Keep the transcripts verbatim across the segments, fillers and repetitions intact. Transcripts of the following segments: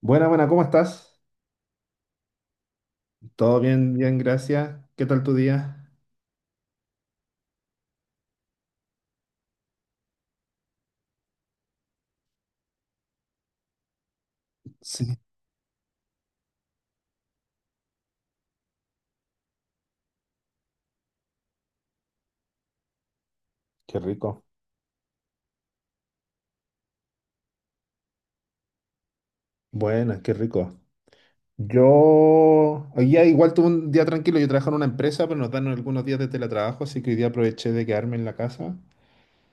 Buena, buena, ¿cómo estás? Todo bien, bien, gracias. ¿Qué tal tu día? Sí, qué rico. Buena, qué rico. Yo hoy día igual tuve un día tranquilo. Yo trabajo en una empresa, pero nos dan algunos días de teletrabajo, así que hoy día aproveché de quedarme en la casa.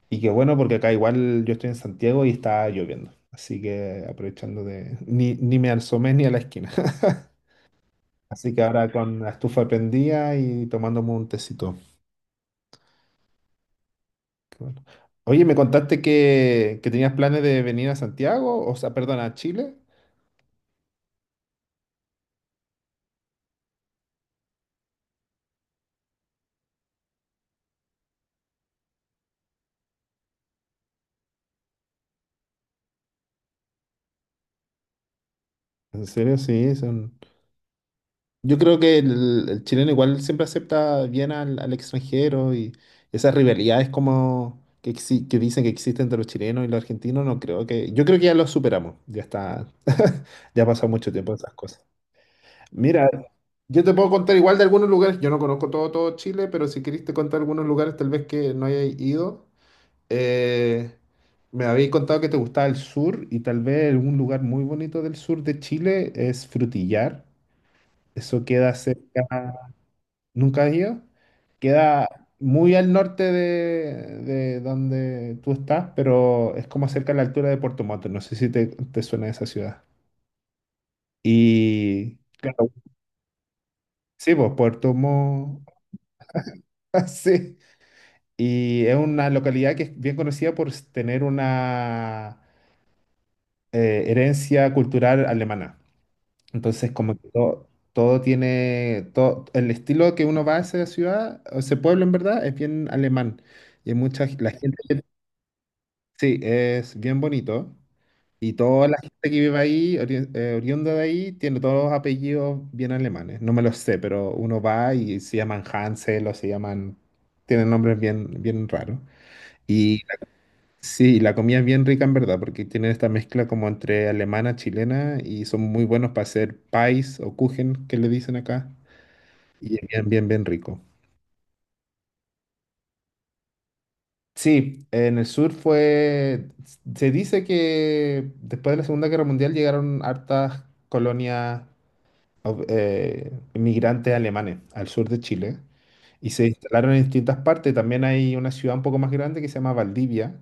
Y qué bueno, porque acá igual yo estoy en Santiago y está lloviendo. Así que aprovechando de... Ni, ni me asomé ni a la esquina. Así que ahora con la estufa prendida y tomándome un tecito. Qué bueno. Oye, me contaste que, que tenías planes de venir a Santiago, o sea, perdón, a Chile. En serio, sí, son... Yo creo que el, el chileno igual siempre acepta bien al, al extranjero, y esas rivalidades como que, exi- que dicen que existen entre los chilenos y los argentinos, no creo que... Yo creo que ya lo superamos, ya está, ya ha pasado mucho tiempo de esas cosas. Mira, yo te puedo contar igual de algunos lugares, yo no conozco todo, todo Chile, pero si querés te contar algunos lugares tal vez que no hayas ido. Eh, Me habéis contado que te gustaba el sur, y tal vez algún lugar muy bonito del sur de Chile es Frutillar. Eso queda cerca, ¿nunca has ido? Queda muy al norte de, de donde tú estás, pero es como cerca a la altura de Puerto Montt. No sé si te, te suena esa ciudad. Y claro, sí, pues Puerto Montt, sí. Y es una localidad que es bien conocida por tener una eh, herencia cultural alemana. Entonces, como que todo, todo tiene, todo, el estilo que uno va a esa ciudad, o ese pueblo en verdad, es bien alemán. Y hay mucha, g- la gente, sí, es bien bonito. Y toda la gente que vive ahí, ori- eh, oriunda de ahí, tiene todos los apellidos bien alemanes. No me los sé, pero uno va y se llaman Hansel, o se llaman, tienen nombres bien, bien raros. Sí, la comida es bien rica en verdad, porque tienen esta mezcla como entre alemana, chilena, y son muy buenos para hacer pies o kuchen, que le dicen acá, y es bien, bien, bien rico. Sí, en el sur fue, se dice que después de la Segunda Guerra Mundial llegaron hartas colonias of- eh, inmigrantes alemanes al sur de Chile, y se instalaron en distintas partes. También hay una ciudad un poco más grande que se llama Valdivia.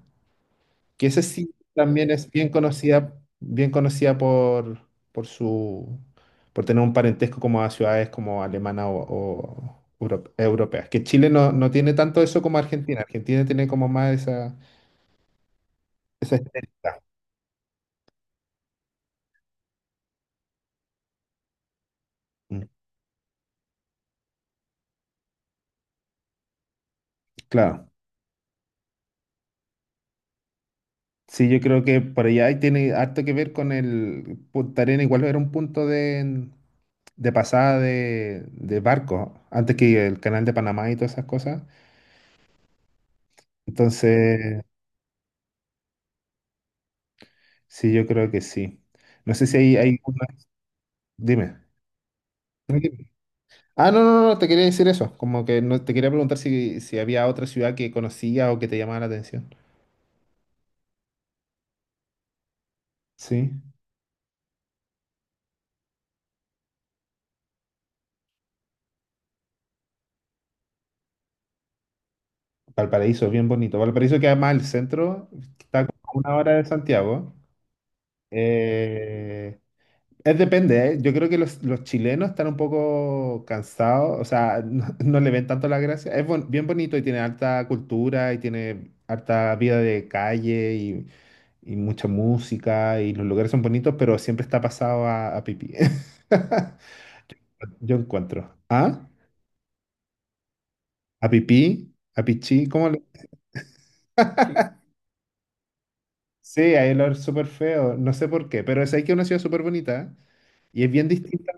Que ese sí también es bien conocida, bien conocida por, por su, por tener un parentesco como a ciudades como alemana, o, o euro- europeas. Que Chile no, no tiene tanto eso como Argentina. Argentina tiene como más esa, esa, estética. Mm, claro. Sí, yo creo que por allá ahí tiene harto que ver con el Punta Arenas, igual era un punto de, de pasada de, de barco, antes que el canal de Panamá y todas esas cosas. Entonces, sí, yo creo que sí. No sé si hay, hay una- Dime. Ah, no, no, no, te quería decir eso. Como que no, te quería preguntar si, si había otra ciudad que conocías o que te llamaba la atención. Sí. Valparaíso, bien bonito. Valparaíso queda más al centro, está como a una hora de Santiago. Eh, es depende, ¿eh? Yo creo que los, los chilenos están un poco cansados, o sea, no, no le ven tanto la gracia. Es bon- bien bonito, y tiene alta cultura y tiene harta vida de calle y mucha música y los lugares son bonitos, pero siempre está pasado a, a pipí. Yo encuentro. ¿Ah? ¿A pipí? ¿A pichí? ¿Cómo le...? Sí, ahí lo es súper feo. No sé por qué, pero es ahí que es una ciudad súper bonita y es bien distinta.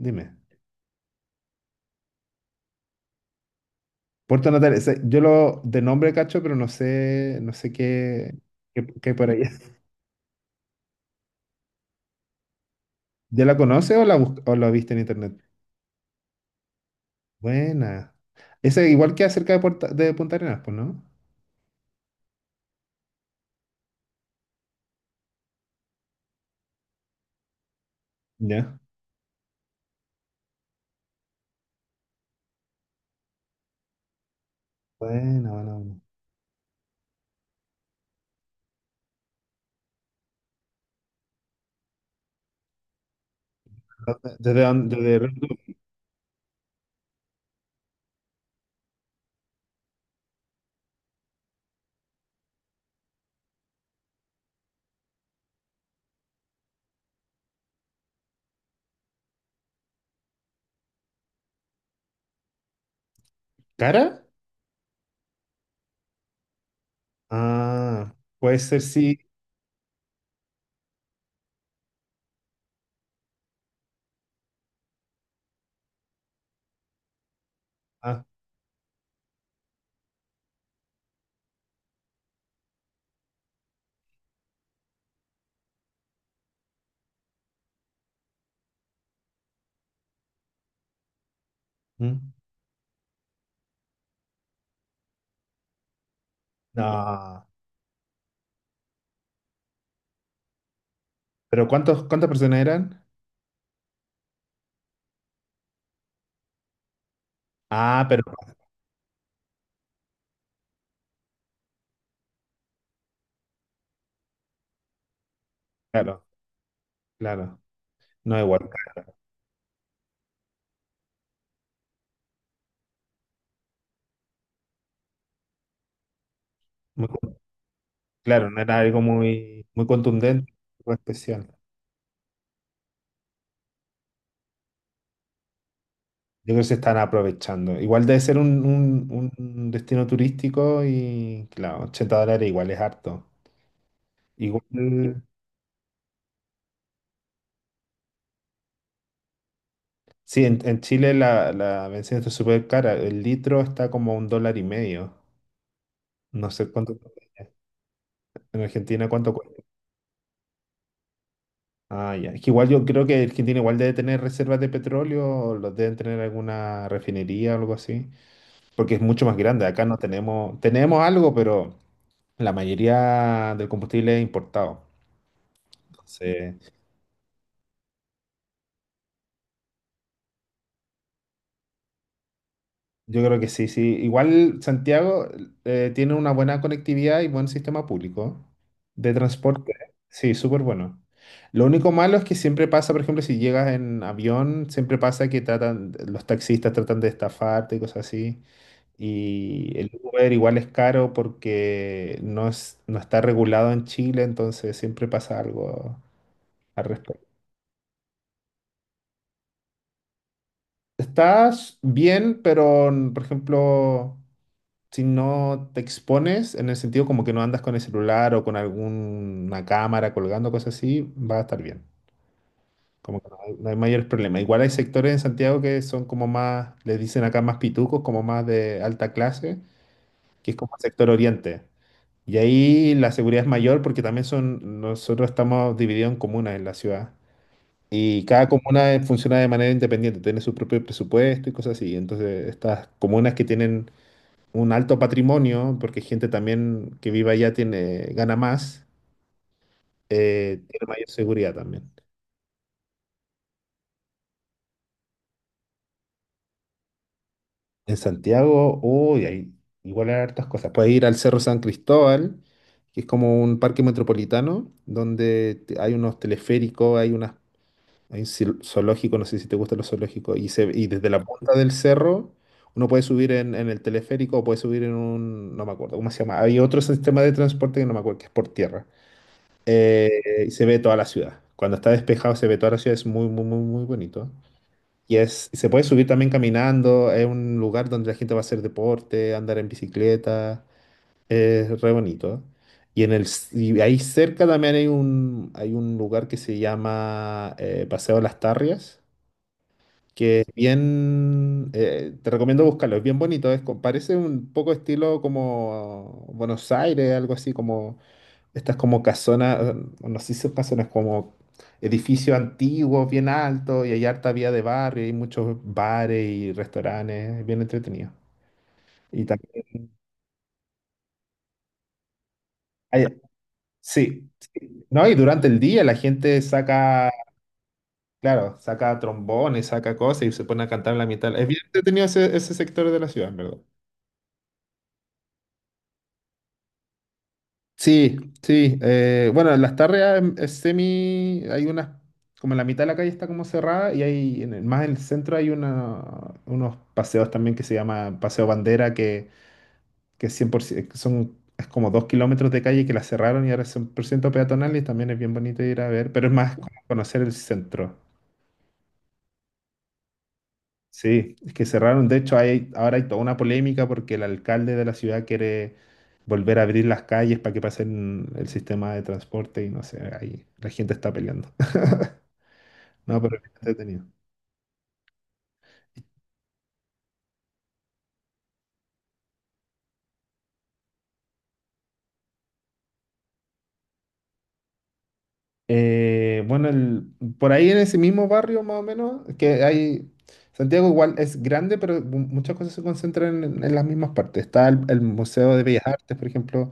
Dime. Puerto Natal, ese- yo lo de nombre cacho, pero no sé, no sé qué, qué, qué hay por ahí. ¿Ya la conoces, o la, bus- o la viste en internet? Buena. Esa igual que acerca de, Puerta- de Punta Arenas, pues, ¿no? Ya. Buena, buena, buena. ¿Dónde- ¿Desde dónde? ¿Cara? Ah, puede ser sí. Ah, mm. No. ¿Pero cuántos, cuántas personas eran? Ah, pero claro, claro. No igual. Muy con- claro, no era algo muy, muy contundente, muy especial. Yo creo que se están aprovechando. Igual debe ser un, un- un destino turístico y, claro, ochenta dólares igual es harto. Igual, sí, en, en Chile la, la bencina está súper cara. El litro está como un dólar y medio. No sé cuánto, en Argentina cuánto. Ah, ya. Es que igual yo creo que Argentina igual debe tener reservas de petróleo, o los deben tener en alguna refinería o algo así, porque es mucho más grande. Acá no tenemos, tenemos algo, pero la mayoría del combustible es importado. Entonces, yo creo que sí, sí. Igual Santiago eh, tiene una buena conectividad y buen sistema público de transporte. Sí, súper bueno. Lo único malo es que siempre pasa, por ejemplo, si llegas en avión, siempre pasa que tratan, los taxistas tratan de estafarte y cosas así. Y el Uber igual es caro porque no es, no está regulado en Chile, entonces siempre pasa algo al respecto. Estás bien, pero mm, por ejemplo, si no te expones, en el sentido como que no andas con el celular o con alguna cámara colgando, cosas así, va a estar bien. Como que no hay, no hay mayores problemas. Igual hay sectores en Santiago que son como más, les dicen acá más pitucos, como más de alta clase, que es como el sector oriente. Y ahí la seguridad es mayor porque también son, nosotros estamos divididos en comunas en la ciudad. Y cada comuna eh, funciona de manera independiente, tiene su propio presupuesto y cosas así. Entonces, estas comunas que tienen un alto patrimonio, porque gente también que vive allá tiene, gana más, eh, tiene mayor seguridad también. En Santiago, uy, hay, igual hay hartas cosas. Puedes ir al Cerro San Cristóbal, que es como un parque metropolitano, donde te- hay unos teleféricos, hay unas, Hay un zil- zoológico, no sé si te gustan los zoológicos. Y, se, y desde la punta del cerro uno puede subir en, en, el teleférico, o puede subir en un, no me acuerdo cómo se llama. Hay otro sistema de transporte que no me acuerdo, que es por tierra. Eh, y se ve toda la ciudad. Cuando está despejado se ve toda la ciudad, es muy, muy, muy, muy bonito. Y es, se puede subir también caminando, es un lugar donde la gente va a hacer deporte, andar en bicicleta, es re bonito. Y, en el, s- y ahí cerca también hay un, hay un lugar que se llama eh, Paseo Las Tarrias, que es bien, eh, te recomiendo buscarlo, es bien bonito, es, co- parece un poco estilo como Buenos Aires, algo así, como estas como casonas, eh, no sé si son casonas, como edificios antiguos, bien altos, y hay harta vía de barrio, y hay muchos bares y restaurantes, es bien entretenido. Y también hay- sí, ¿no? Y durante el día la gente saca, claro, saca trombones, saca cosas y se pone a cantar en la mitad. Es bien entretenido ese, ese sector de la ciudad, en verdad. Sí, sí. Eh, bueno, las tarreas em- es semi. Hay unas. Como en la mitad de la calle está como cerrada y hay. En el- más en el centro hay una, unos paseos también que se llama Paseo Bandera, que, que es cien por ciento, que son. Es como dos kilómetros de calle que la cerraron y ahora es cien por ciento peatonal, y también es bien bonito ir a ver, pero es más como conocer el centro. Sí, es que cerraron. De hecho, hay, ahora hay toda una polémica porque el alcalde de la ciudad quiere volver a abrir las calles para que pasen el sistema de transporte, y no sé, ahí la gente está peleando. No, pero es entretenido. Eh, bueno, el- por ahí en ese mismo barrio más o menos, que hay, Santiago igual es grande, pero mu- muchas cosas se concentran en, en las mismas partes. Está el, el Museo de Bellas Artes, por ejemplo,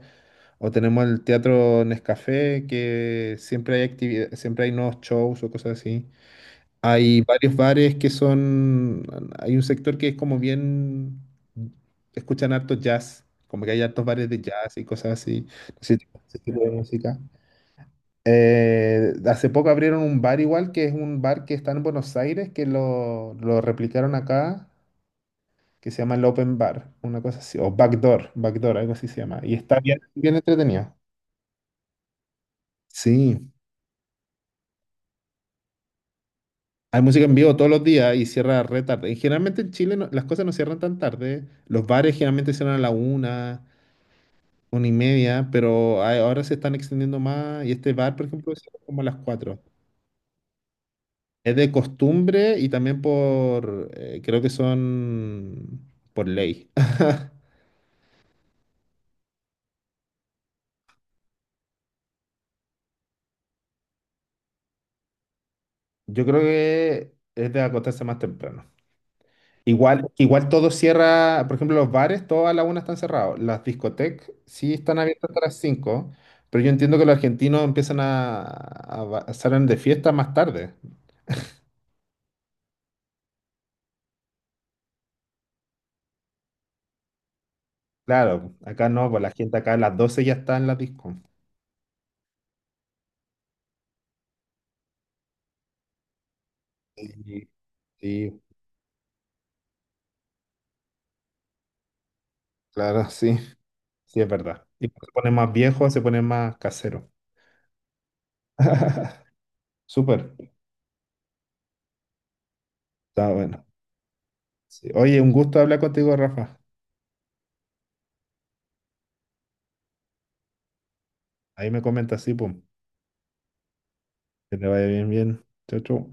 o tenemos el Teatro Nescafé, que siempre hay actividad, siempre hay nuevos shows o cosas así. Hay varios bares que son, hay un sector que es como bien, escuchan harto jazz, como que hay hartos bares de jazz y cosas así, ese tipo ese tipo de música. Eh, hace poco abrieron un bar igual, que es un bar que está en Buenos Aires, que lo, lo replicaron acá, que se llama el Open Bar, una cosa así, o Backdoor, Backdoor, algo así se llama, y está bien, bien entretenido. Sí. Hay música en vivo todos los días y cierra re tarde. Y generalmente en Chile no- las cosas no cierran tan tarde. Los bares generalmente cierran a la una, una y media, pero hay- ahora se están extendiendo más. Y este bar, por ejemplo, cierra como a las cuatro. Es de costumbre y también por, eh, creo que son por ley. Yo creo que es de acostarse más temprano. Igual, igual todo cierra, por ejemplo, los bares, todos a la una están cerrados. Las discotecas sí están abiertas hasta las cinco, pero yo entiendo que los argentinos empiezan a, a ba- salen de fiesta más tarde. Claro, acá no, pues la gente acá a las doce ya está en la disco. Sí, sí, claro, sí, sí es verdad. Y pues se pone más viejo, se pone más casero. Súper, está bueno. Sí. Oye, un gusto hablar contigo, Rafa. Ahí me comenta, sí, pum. Que te vaya bien, bien. Chau, chau.